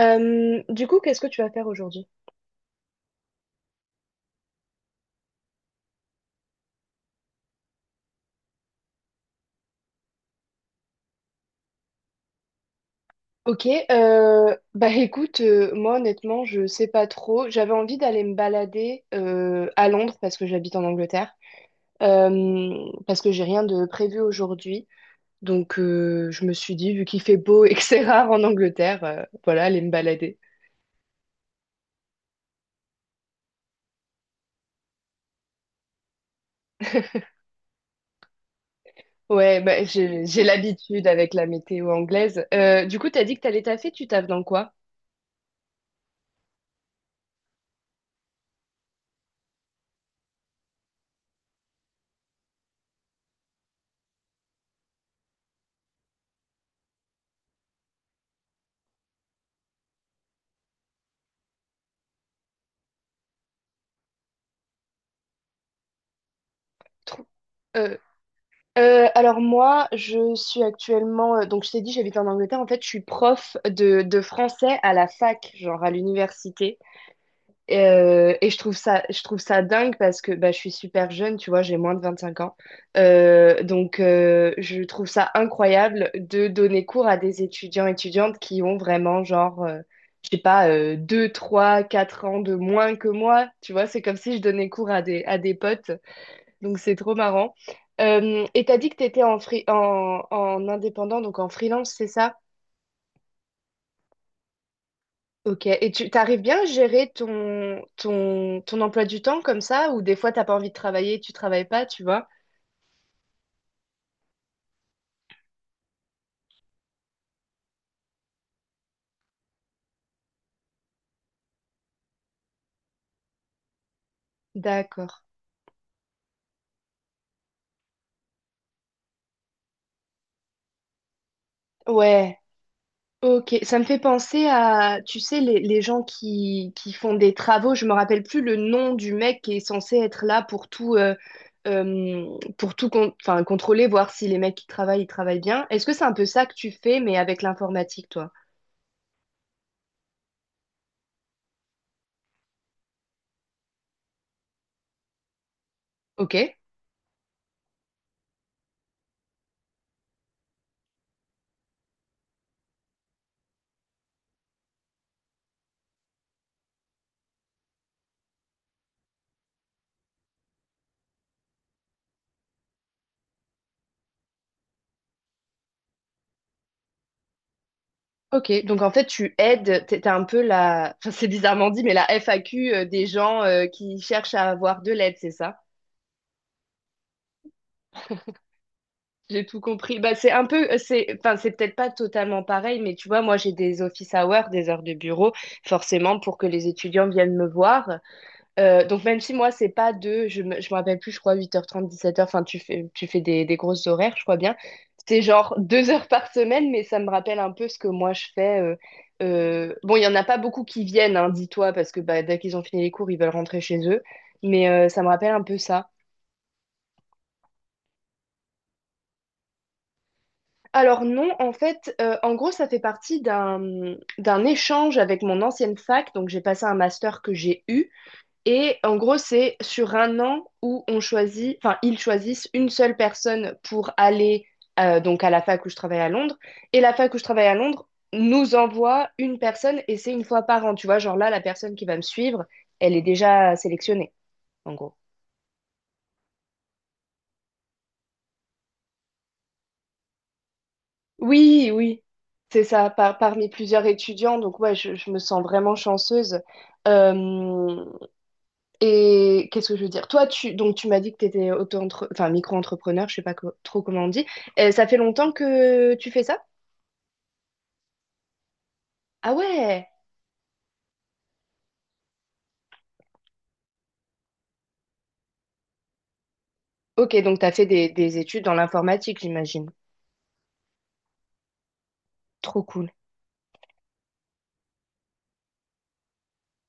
Du coup, qu'est-ce que tu vas faire aujourd'hui? Ok, bah écoute, moi honnêtement, je sais pas trop. J'avais envie d'aller me balader à Londres parce que j'habite en Angleterre, euh, parce que j'ai rien de prévu aujourd'hui. Donc je me suis dit, vu qu'il fait beau et que c'est rare en Angleterre, voilà, aller me balader. Ouais, bah j'ai l'habitude avec la météo anglaise. Du coup, t'as dit que t'allais taffer, tu taffes dans quoi? Trou- alors moi, je suis actuellement, donc je t'ai dit, j'habite en Angleterre. En fait, je suis prof de français à la fac, genre à l'université. Et je trouve ça dingue parce que bah, je suis super jeune, tu vois, j'ai moins de 25 ans. Donc je trouve ça incroyable de donner cours à des étudiants, étudiantes qui ont vraiment genre, je sais pas, 2, 3, 4 ans de moins que moi. Tu vois, c'est comme si je donnais cours à des potes. Donc c'est trop marrant. Et t'as dit que t'étais en indépendant, donc en freelance, c'est ça? Ok. Et tu t'arrives bien à gérer ton emploi du temps comme ça, ou des fois t'as pas envie de travailler, tu travailles pas, tu vois? D'accord. Ouais. Ok. Ça me fait penser à, tu sais, les gens qui font des travaux, je me rappelle plus le nom du mec qui est censé être là pour tout, euh, enfin, contrôler, voir si les mecs qui travaillent, ils travaillent bien. Est-ce que c'est un peu ça que tu fais, mais avec l'informatique, toi? Ok, ok. Donc en fait, tu aides, t'es un peu la, enfin, c'est bizarrement dit, mais la FAQ des gens qui cherchent à avoir de l'aide, c'est ça? J'ai tout compris. Bah, c'est un peu, c'est, enfin, c'est peut-être pas totalement pareil, mais tu vois, moi, j'ai des office hours, des heures de bureau, forcément, pour que les étudiants viennent me voir. Donc même si moi c'est pas de, je me rappelle plus, je crois 8h30, 17h, enfin tu fais des grosses horaires, je crois bien. C'est genre 2 heures par semaine, mais ça me rappelle un peu ce que moi je fais. Bon, il y en a pas beaucoup qui viennent, hein, dis-toi, parce que bah, dès qu'ils ont fini les cours, ils veulent rentrer chez eux. Mais ça me rappelle un peu ça. Alors non, en fait, en gros, ça fait partie d'un échange avec mon ancienne fac. Donc j'ai passé un master que j'ai eu. Et en gros, c'est sur un an où on choisit, enfin, ils choisissent une seule personne pour aller donc à la fac où je travaille à Londres. Et la fac où je travaille à Londres nous envoie une personne et c'est une fois par an. Tu vois, genre là, la personne qui va me suivre, elle est déjà sélectionnée, en gros. Oui, oui, c'est ça, parmi plusieurs étudiants. Donc, ouais, je me sens vraiment chanceuse. Euh, Et qu'est-ce que je veux dire? Toi, tu donc tu m'as dit que tu étais enfin, micro-entrepreneur, je sais pas trop comment on dit. Ça fait longtemps que tu fais ça? Ah ouais. Ok, donc tu as fait des études dans l'informatique, j'imagine. Trop cool.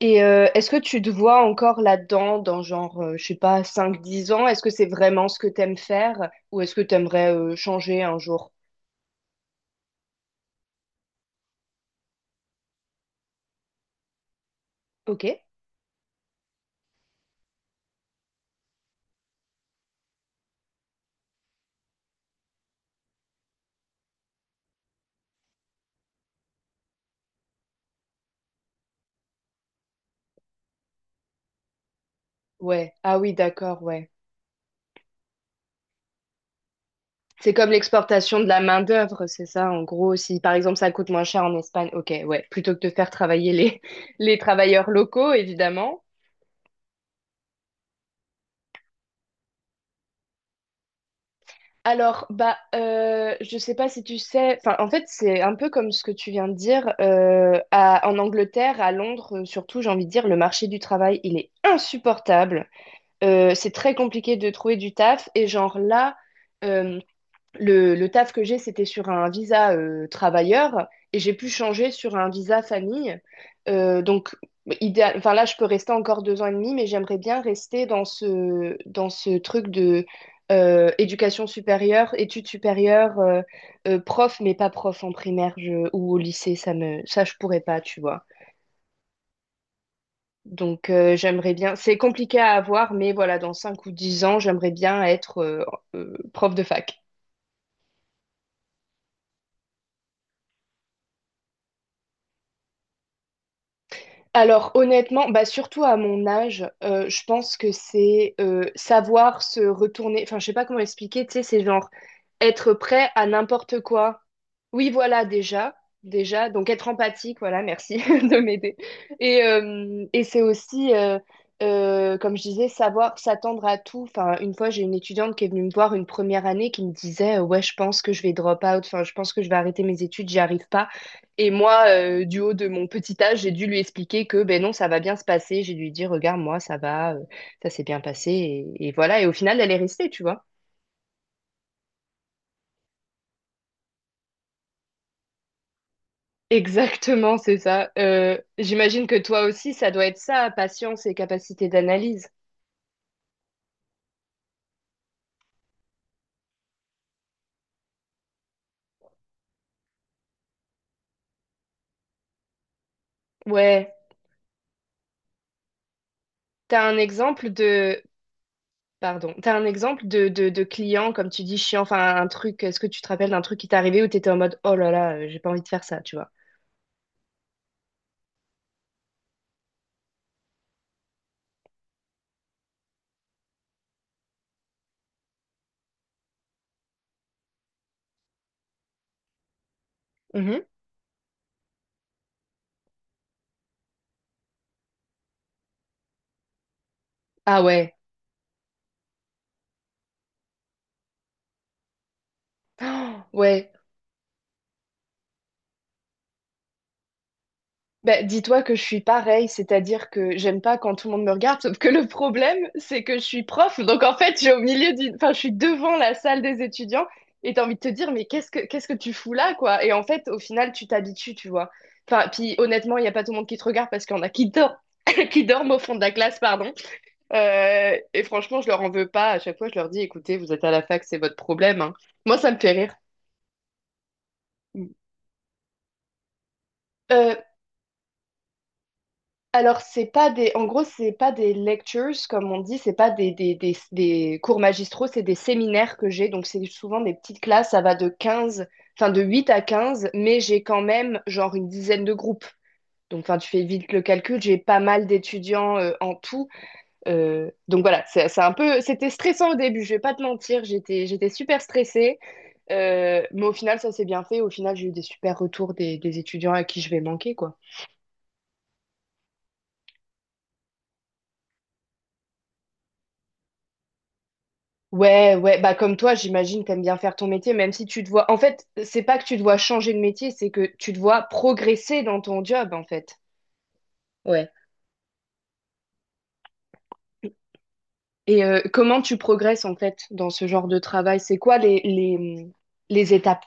Et est-ce que tu te vois encore là-dedans, dans genre, je sais pas, 5 10 ans? Est-ce que c'est vraiment ce que t'aimes faire ou est-ce que t'aimerais aimerais changer un jour? Ok. Ouais. Ah oui, d'accord, ouais. C'est comme l'exportation de la main-d'œuvre, c'est ça, en gros. Si par exemple ça coûte moins cher en Espagne, ok, ouais, plutôt que de faire travailler les travailleurs locaux, évidemment. Alors, bah, je sais pas si tu sais, enfin, en fait, c'est un peu comme ce que tu viens de dire. En Angleterre, à Londres, surtout, j'ai envie de dire, le marché du travail, il est insupportable. C'est très compliqué de trouver du taf. Et genre là, euh, le taf que j'ai, c'était sur un visa travailleur et j'ai pu changer sur un visa famille. Donc, idéal, enfin là, je peux rester encore 2 ans et demi, mais j'aimerais bien rester dans ce truc de éducation supérieure, études supérieures, prof, mais pas prof en primaire ou au lycée, ça, je pourrais pas, tu vois. Donc, j'aimerais bien, c'est compliqué à avoir, mais voilà, dans 5 ou 10 ans, j'aimerais bien être prof de fac. Alors honnêtement, bah surtout à mon âge, je pense que c'est savoir se retourner. Enfin, je sais pas comment expliquer. Tu sais, c'est genre être prêt à n'importe quoi. Oui, voilà, déjà, déjà. Donc être empathique, voilà, merci de m'aider. Et c'est aussi, comme je disais, savoir s'attendre à tout. Enfin, une fois, j'ai une étudiante qui est venue me voir une première année qui me disait, ouais, je pense que je vais drop out. Enfin, je pense que je vais arrêter mes études, j'y arrive pas. Et moi, du haut de mon petit âge, j'ai dû lui expliquer que ben non, ça va bien se passer. J'ai dû lui dire, regarde, moi, ça va, ça s'est bien passé. Et voilà. Et au final, elle est restée, tu vois. Exactement, c'est ça. J'imagine que toi aussi, ça doit être ça, patience et capacité d'analyse. Ouais. T'as un exemple de, Pardon, t'as un exemple de client, comme tu dis, chiant, enfin un truc, est-ce que tu te rappelles d'un truc qui t'est arrivé où t'étais en mode, oh là là, j'ai pas envie de faire ça, tu vois. Mhm. Ah ouais. Oh, ouais. Bah, dis-toi que je suis pareil, c'est-à-dire que j'aime pas quand tout le monde me regarde, sauf que le problème, c'est que je suis prof, donc en fait, je suis au milieu d'une, enfin, je suis devant la salle des étudiants, et t'as envie de te dire, mais qu'est-ce que tu fous là, quoi? Et en fait, au final, tu t'habitues, tu vois. Enfin, puis honnêtement, il y a pas tout le monde qui te regarde parce qu'il y en a qui dorment, qui dorment au fond de la classe, pardon. Et franchement, je leur en veux pas. À chaque fois, je leur dis, écoutez, vous êtes à la fac, c'est votre problème, hein. Moi, ça me fait rire. Euh, Alors, c'est pas des, en gros, c'est pas des lectures, comme on dit, c'est pas des cours magistraux, c'est des séminaires que j'ai. Donc, c'est souvent des petites classes, ça va de 15, enfin, de 8 à 15, mais j'ai quand même, genre, une dizaine de groupes. Donc, enfin, tu fais vite le calcul, j'ai pas mal d'étudiants en tout. Donc, voilà, c'est un peu, c'était stressant au début, je vais pas te mentir, j'étais super stressée. Mais au final, ça s'est bien fait. Au final, j'ai eu des super retours des étudiants à qui je vais manquer, quoi. Ouais, ouais, bah comme toi, j'imagine, t'aimes bien faire ton métier, même si tu te vois. En fait, c'est pas que tu te vois changer de métier, c'est que tu te vois progresser dans ton job, en fait. Ouais. Et comment tu progresses, en fait, dans ce genre de travail? C'est quoi les étapes?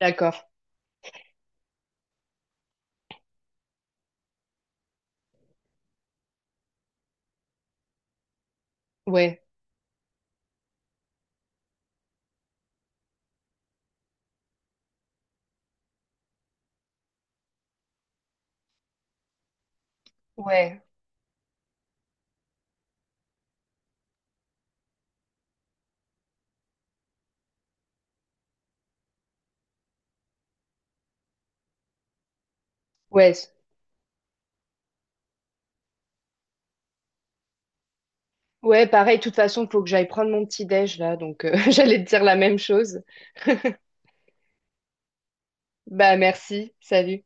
D'accord. Ouais, ouais, ouais. Ouais, pareil, de toute façon, faut que j'aille prendre mon petit déj là, donc j'allais te dire la même chose. Bah merci, salut.